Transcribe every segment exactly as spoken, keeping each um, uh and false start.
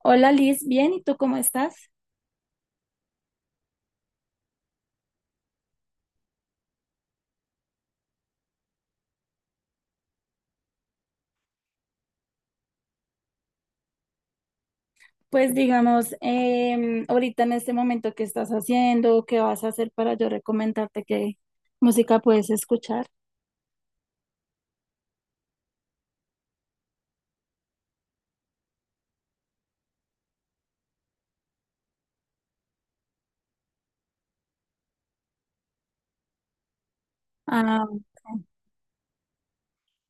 Hola Liz, bien, ¿y tú cómo estás? Pues digamos, em, ahorita en este momento, ¿qué estás haciendo? ¿Qué vas a hacer para yo recomendarte qué música puedes escuchar? Ah,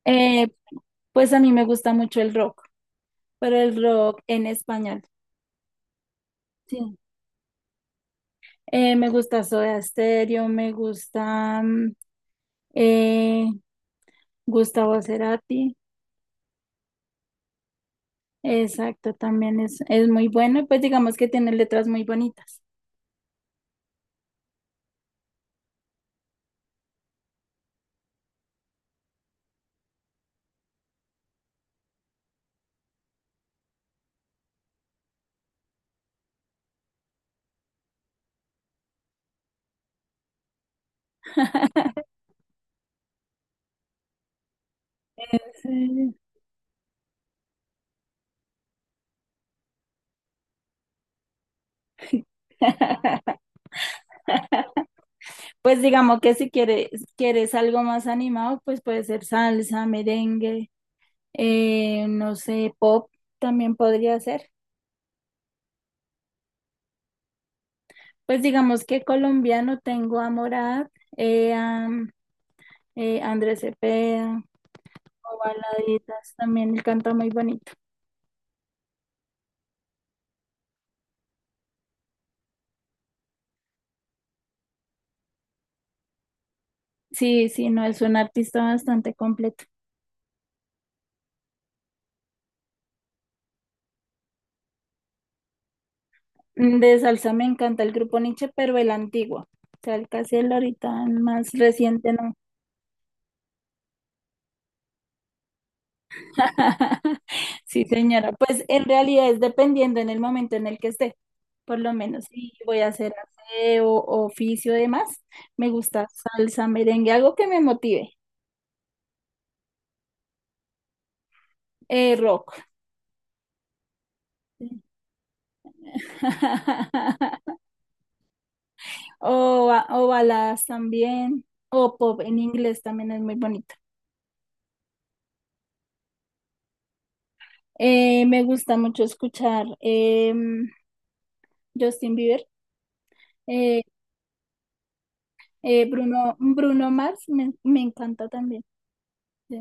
eh, pues a mí me gusta mucho el rock, pero el rock en español. Sí. Eh, me gusta Soda Stereo, me gusta mm, eh, Gustavo Cerati. Exacto, también es, es muy bueno. Pues digamos que tiene letras muy bonitas. Sí. Pues digamos que si quieres, quieres algo más animado, pues puede ser salsa, merengue, eh, no sé, pop también podría ser. Pues digamos que colombiano tengo a Morat, eh, a eh, Andrés Cepeda, o baladitas, también él canta muy bonito. Sí, sí, no, es un artista bastante completo. Mm, de salsa me encanta el grupo Nietzsche, pero el antiguo. O sea, el casi el ahorita más reciente no. Sí, señora. Pues en realidad es dependiendo en el momento en el que esté. Por lo menos si voy a hacer aseo, oficio, demás. Me gusta salsa, merengue, algo que me motive. Eh, rock. O, ba- o baladas también. O pop en inglés también es muy bonito. Eh, me gusta mucho escuchar em, Justin Bieber. Eh, eh, Bruno, Bruno Mars me, me encanta también. Sí.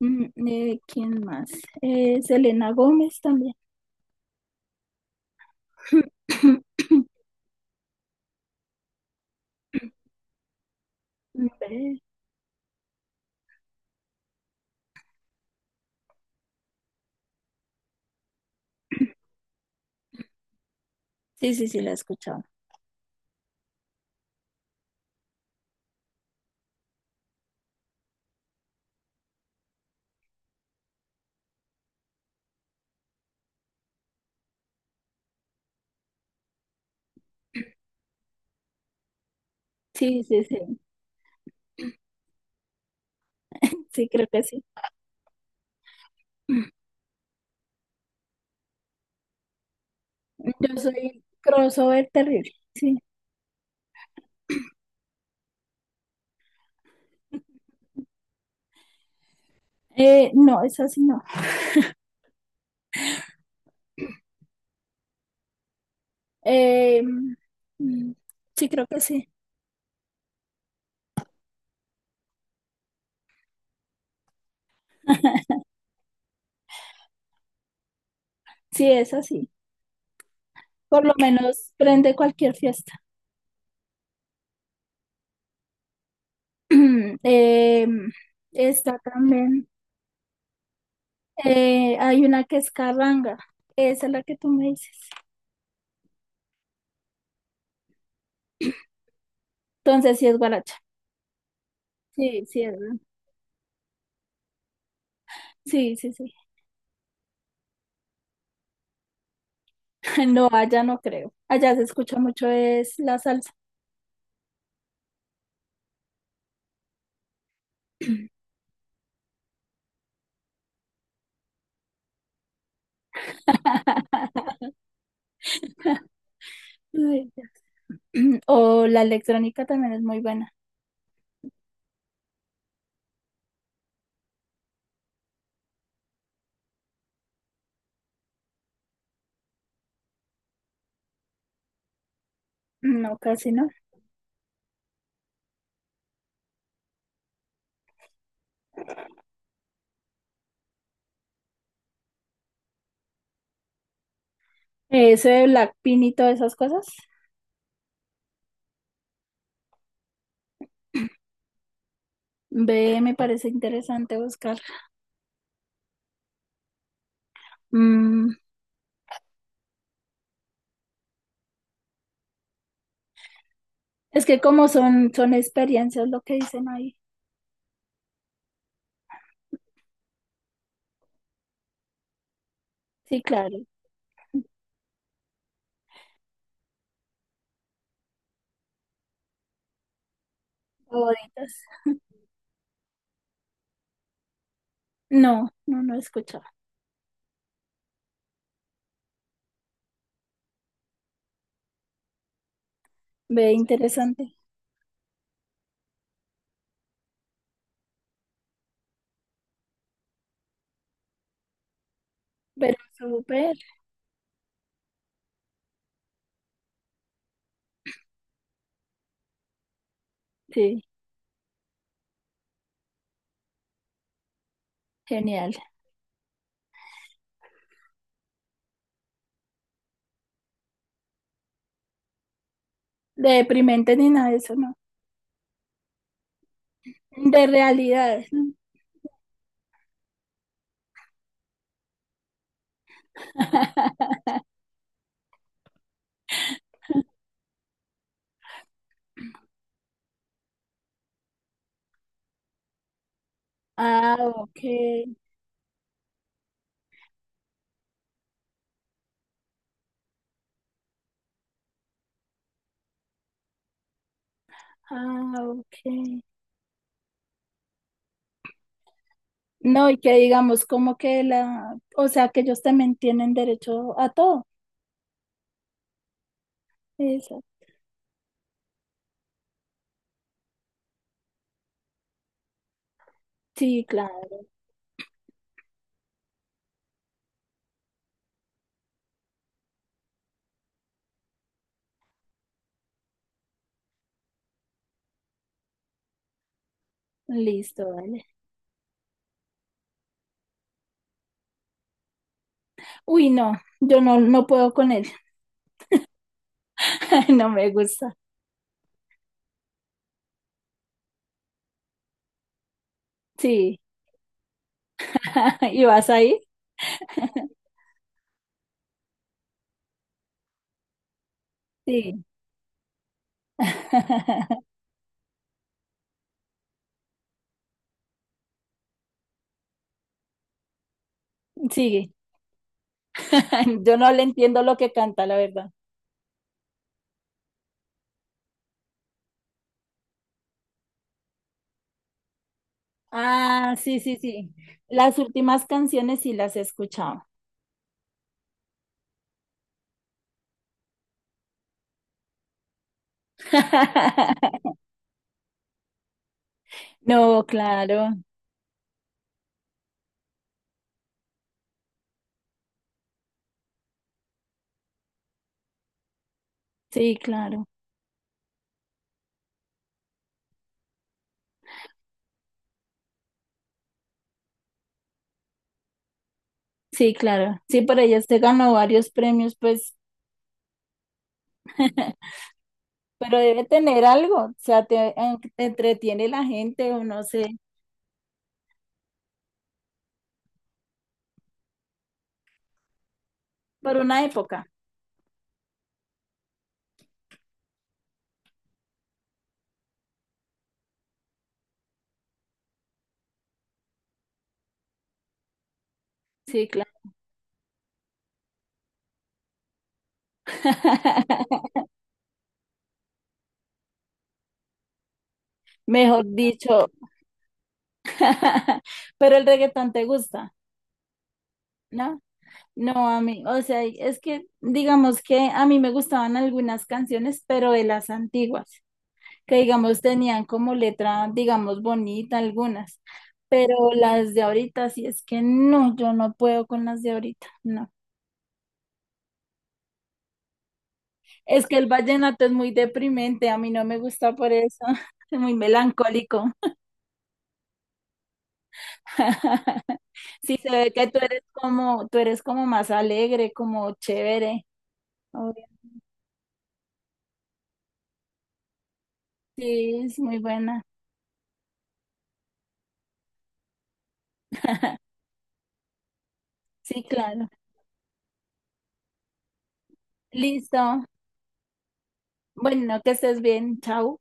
Mm, eh, ¿quién más? Eh, Selena Gómez también. Hombre. Sí, sí, sí, la he escuchado. Sí, sí, sí. Sí, creo que sí. Yo soy crossover terrible. Sí. Eh, no, es así, no. Eh, mm, sí, creo que sí. Sí, es así. Por lo menos prende cualquier fiesta. Eh, está también. eh, hay una que es carranga. Esa es la que tú me dices. Entonces, sí es guaracha. Sí, sí es. ¿No? Sí, sí, sí. No, allá no creo. Allá se escucha mucho es la salsa. Ay, Dios. O la electrónica también es muy buena. No, casi no. Ese de Blackpink y todas esas cosas. Ve, me parece interesante buscar. Mm, es que como son, son experiencias lo que dicen ahí. Sí, claro. Favoritas. No, no, no he escuchado. Ve, interesante. Pero súper. Sí, genial. De deprimente ni nada de eso, no. De realidades. Ah, ok, ah, ok. No, y que digamos como que la, o sea, que ellos también tienen derecho a todo. Eso. Sí, claro. Listo, vale. Uy, no, yo no, no puedo con él. No me gusta. Sí. ¿Y vas ahí? Sí. Sigue. Yo no le entiendo lo que canta, la verdad. Ah, sí, sí, sí. Las últimas canciones sí las he escuchado. No, claro. Sí, claro. Sí, claro. Sí, por ella se ganó varios premios, pues, pero debe tener algo. O sea, te, en- te entretiene la gente o no sé, por una época. Sí, claro. Mejor dicho. Pero el reggaetón te gusta, ¿no? No, a mí, o sea, es que digamos que a mí me gustaban algunas canciones, pero de las antiguas. Que digamos tenían como letra, digamos, bonita algunas, pero las de ahorita sí es que no, yo no puedo con las de ahorita, no. Es que el vallenato es muy deprimente, a mí no me gusta por eso, es muy melancólico. Sí se ve que tú eres como, tú eres como más alegre, como chévere. Obvio. Sí, es muy buena. Sí, claro. Listo. Bueno, que estés bien. Chao.